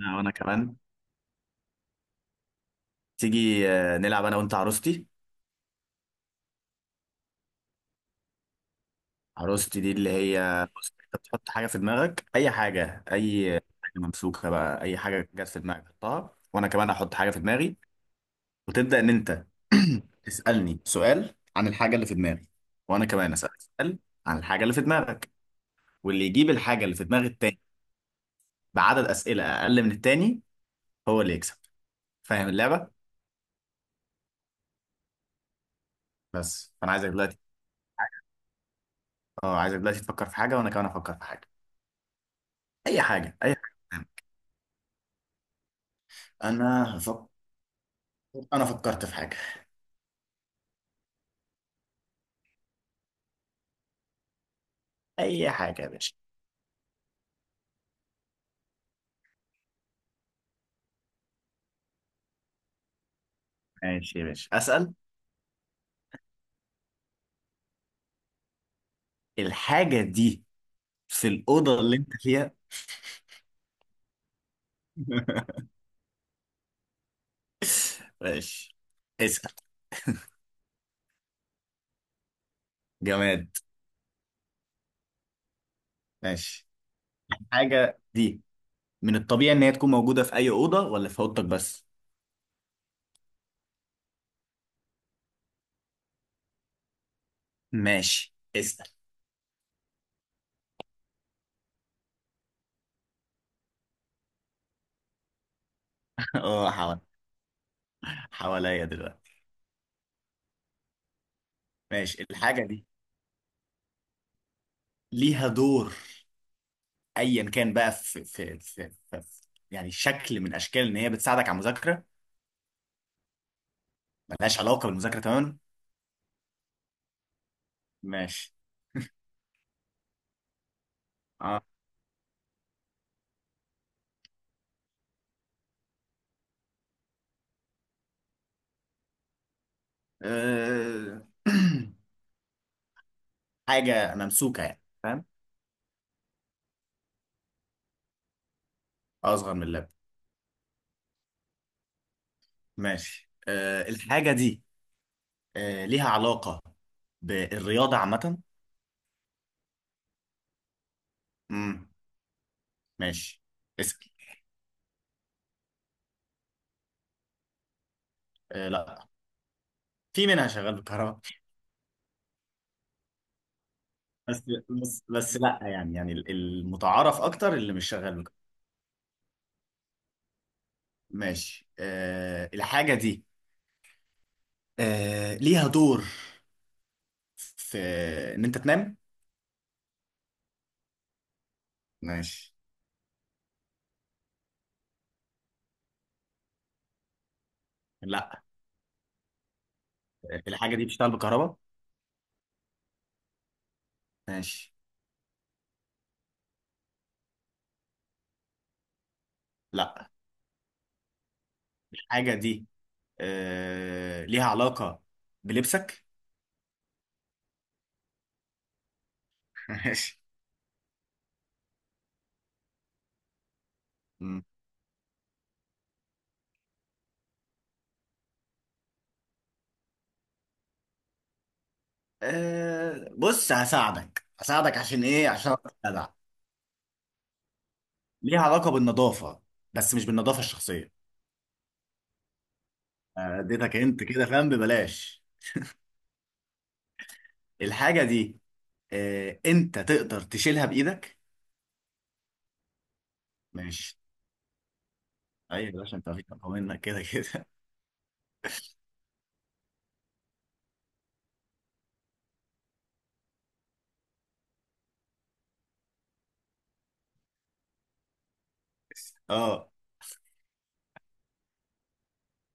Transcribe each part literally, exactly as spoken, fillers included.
أنا وأنا كمان. تيجي، آه، نلعب أنا وأنت عروستي. عروستي دي اللي هي، بص، أنت بتحط حاجة في دماغك، أي حاجة، أي حاجة ممسوكة بقى، أي حاجة جت في دماغك حطها، وأنا كمان هحط حاجة في دماغي، وتبدأ إن أنت تسألني سؤال عن الحاجة اللي في دماغي، وأنا كمان أسألك سؤال عن الحاجة اللي في دماغك، واللي يجيب الحاجة اللي في دماغ التاني بعدد أسئلة أقل من التاني هو اللي يكسب. فاهم اللعبة؟ بس فأنا عايزك دلوقتي، أه عايزك دلوقتي تفكر في حاجة وأنا كمان أفكر في حاجة، أي حاجة، أي حاجة. أنا هفكر. انا فكرت في حاجه. اي حاجه يا باشا. ماشي يا باشا، اسال. الحاجه دي في الاوضه اللي انت فيها. ماشي، اسال. جماد. ماشي، الحاجه دي من الطبيعي ان هي تكون موجوده في اي اوضه، ولا في اوضتك بس؟ ماشي، اسال. اه حوالي، حواليا دلوقتي. ماشي، الحاجه دي ليها دور، ايا كان بقى، في في في, في, في يعني شكل من اشكال ان هي بتساعدك على المذاكره. ملهاش علاقه بالمذاكره تماما. ماشي. اه. أه... حاجة ممسوكة يعني، فاهم. أصغر من اللاب. ماشي، أه الحاجة دي أه ليها علاقة بالرياضة عامة. امم ماشي، اسأل. أه لا، في منها شغال بالكهرباء. بس بس بس لا يعني، يعني ال- المتعارف أكتر اللي مش شغال بالكهرباء. ماشي، أه الحاجة دي أه ليها دور في إن أنت تنام. ماشي. لا. الحاجة دي بتشتغل بالكهرباء. ماشي. لا. الحاجة دي آه ليها علاقة بلبسك. ماشي. مم. آه بص، هساعدك هساعدك عشان ايه، عشان أبقى جدع. ليها علاقة بالنظافة، بس مش بالنظافة الشخصية. آه، اديتك انت كده فاهم ببلاش. الحاجة دي آه انت تقدر تشيلها بايدك. ماشي. ايوه يا باشا، انت فيك اقوى منك كده كده. اه.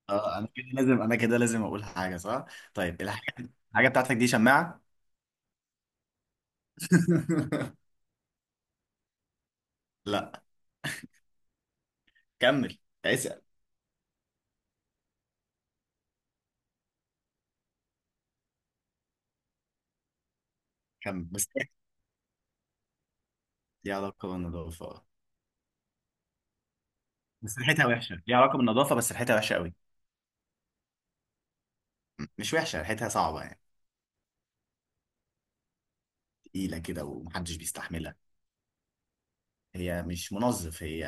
اه انا كده لازم انا كده لازم اقول حاجة صح. طيب الحاجة، الحاجة بتاعتك دي شماعة. لا. كمل، اسأل، كمل بس. ليها علاقة بالنظافة آه. بس ريحتها وحشة. ليها علاقة بالنظافة، بس ريحتها وحشة قوي. م- مش وحشة، ريحتها صعبة يعني. تقيلة كده ومحدش بيستحملها. هي مش منظف هي.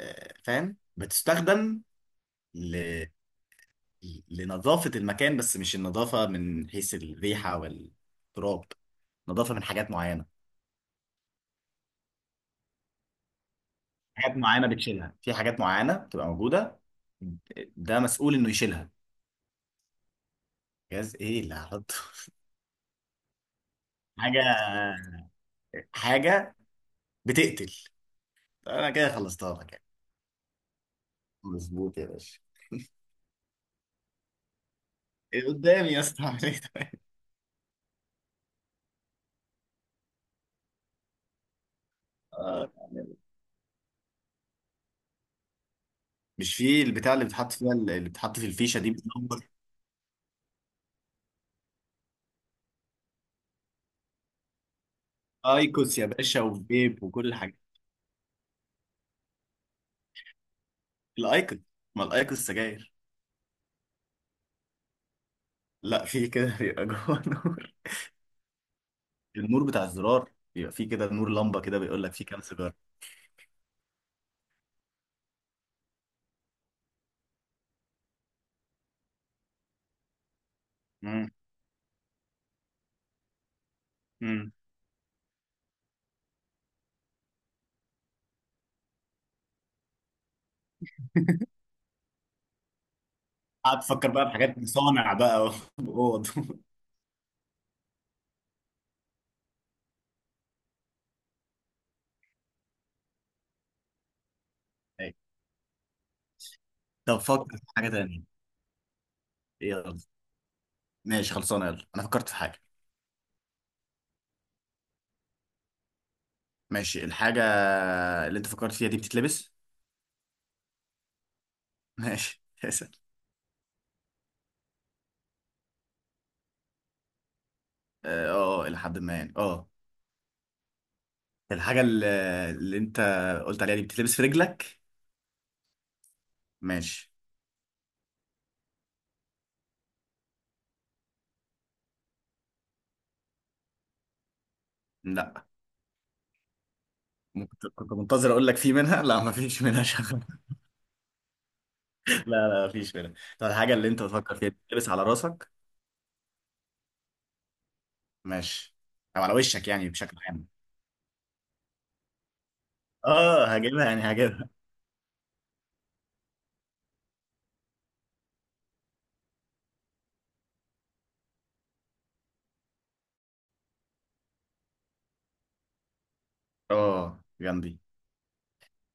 آه، فاهم، بتستخدم ل... لنظافة المكان، بس مش النظافة من حيث الريحة والتراب. نظافة من حاجات معينة. حاجات معينة بتشيلها، في حاجات معينة بتبقى موجودة ده مسؤول انه يشيلها. جهاز ايه اللي هحطه. حاجة حاجة بتقتل. انا كده خلصتها لك يعني. مظبوط يا باشا. قدامي يا اسطى عليك. آه. مش في البتاع اللي بتحط فيها، اللي بتحط في الفيشه دي بتنور. ايكوس يا باشا، وفيب، وكل الحاجات. الايكوس. ما الايكوس سجاير. لا، في كده بيبقى جوه نور. النور بتاع الزرار بيبقى في كده نور لمبه، كده بيقول لك في كام سيجاره. امم. امم. قاعد تفكر بقى في حاجات مصانع بقى، واوض. أيوة. طب فكر في حاجه تانية. إيه، يلا. ماشي، خلصانه، يلا انا فكرت في حاجه. ماشي الحاجه اللي انت فكرت فيها دي بتتلبس. ماشي. اه آه، آه، الى حد ما يعني، اه. الحاجه اللي, اللي انت قلت عليها دي بتتلبس في رجلك. ماشي. لا. ممكن ت- كنت منتظر اقول لك في منها، لا، ما فيش منها شغل. لا لا، ما فيش منها. طب الحاجه اللي انت بتفكر فيها دي بتتلبس على راسك. ماشي. او على وشك، يعني بشكل عام. اه هجيبها يعني، هجيبها. اه جنبي.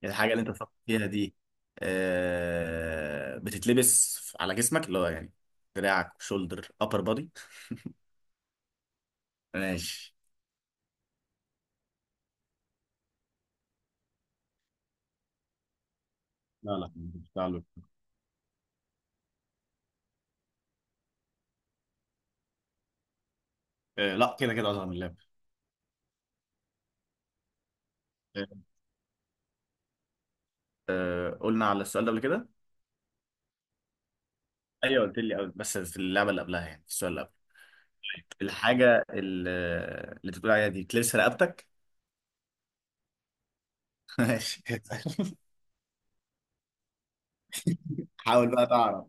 الحاجه اللي انت بتفكر فيها دي آه بتتلبس على جسمك، اللي هو يعني دراعك، شولدر ابر بودي. ماشي. لا لا، مش بتاع الويب. آه، لا كده كده اصغر من اللاب. آه، قلنا على السؤال ده قبل كده. ايوه قلت لي قبل، بس في اللعبه اللي قبلها، يعني في السؤال اللي قبل. طيب، الحاجه ال- اللي انت بتقول عليها دي بتلبس رقبتك. ماشي. حاول بقى تعرف.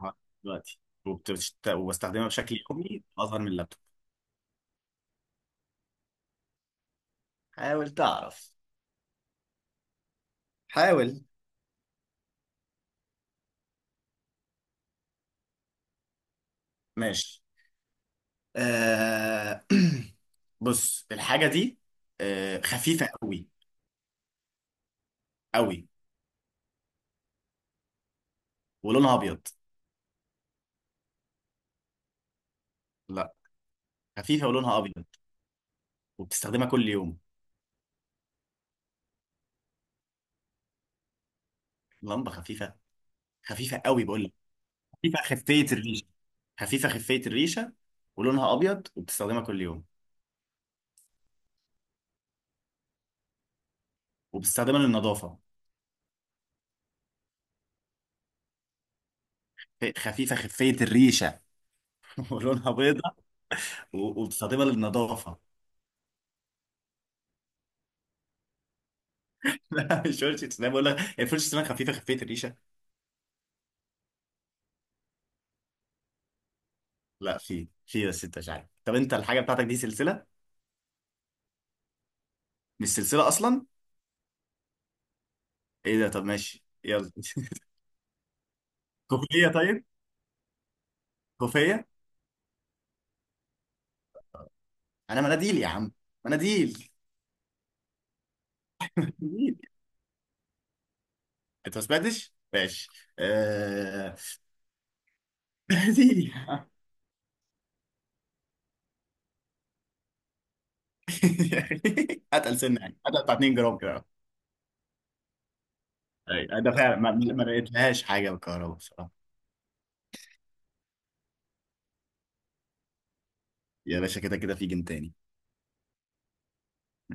حاول دلوقتي. وبتشت... وبستخدمها بشكل يومي اظهر من اللابتوب. حاول تعرف. حاول. ماشي. آه... بص الحاجه دي آه... خفيفه قوي. قوي. ولونها ابيض. لا، خفيفه ولونها ابيض، وبتستخدمها كل يوم. لمبه خفيفه. خفيفه قوي بقول لك. خفيفه خفيه الريشه. خفيفه خفيه الريشه ولونها ابيض وبتستخدمها كل يوم وبتستخدمها للنظافه. خ- خفيفه خفيه الريشه. ولونها بيضه و- وبتستخدمها للنظافه. لا مش فرشه اسنان بقول لك، هي فرشه اسنان خفيفه خفيه الريشه. لا، في في، بس انت مش عارف. طب انت الحاجه بتاعتك دي سلسله. مش سلسله اصلا. ايه ده، طب ماشي يلا. كوفيه. طيب. كوفيه. انا مناديل يا عم، مناديل. مناديل. انت ما سمعتش ماشي. آه... مناديل. اتقل سنه يعني، اتقل بتاع جرامين جرام كده. أي، ده فعلا ما, ما لقيتلهاش حاجه بالكهرباء بصراحه. يا باشا كده كده في جنتاني.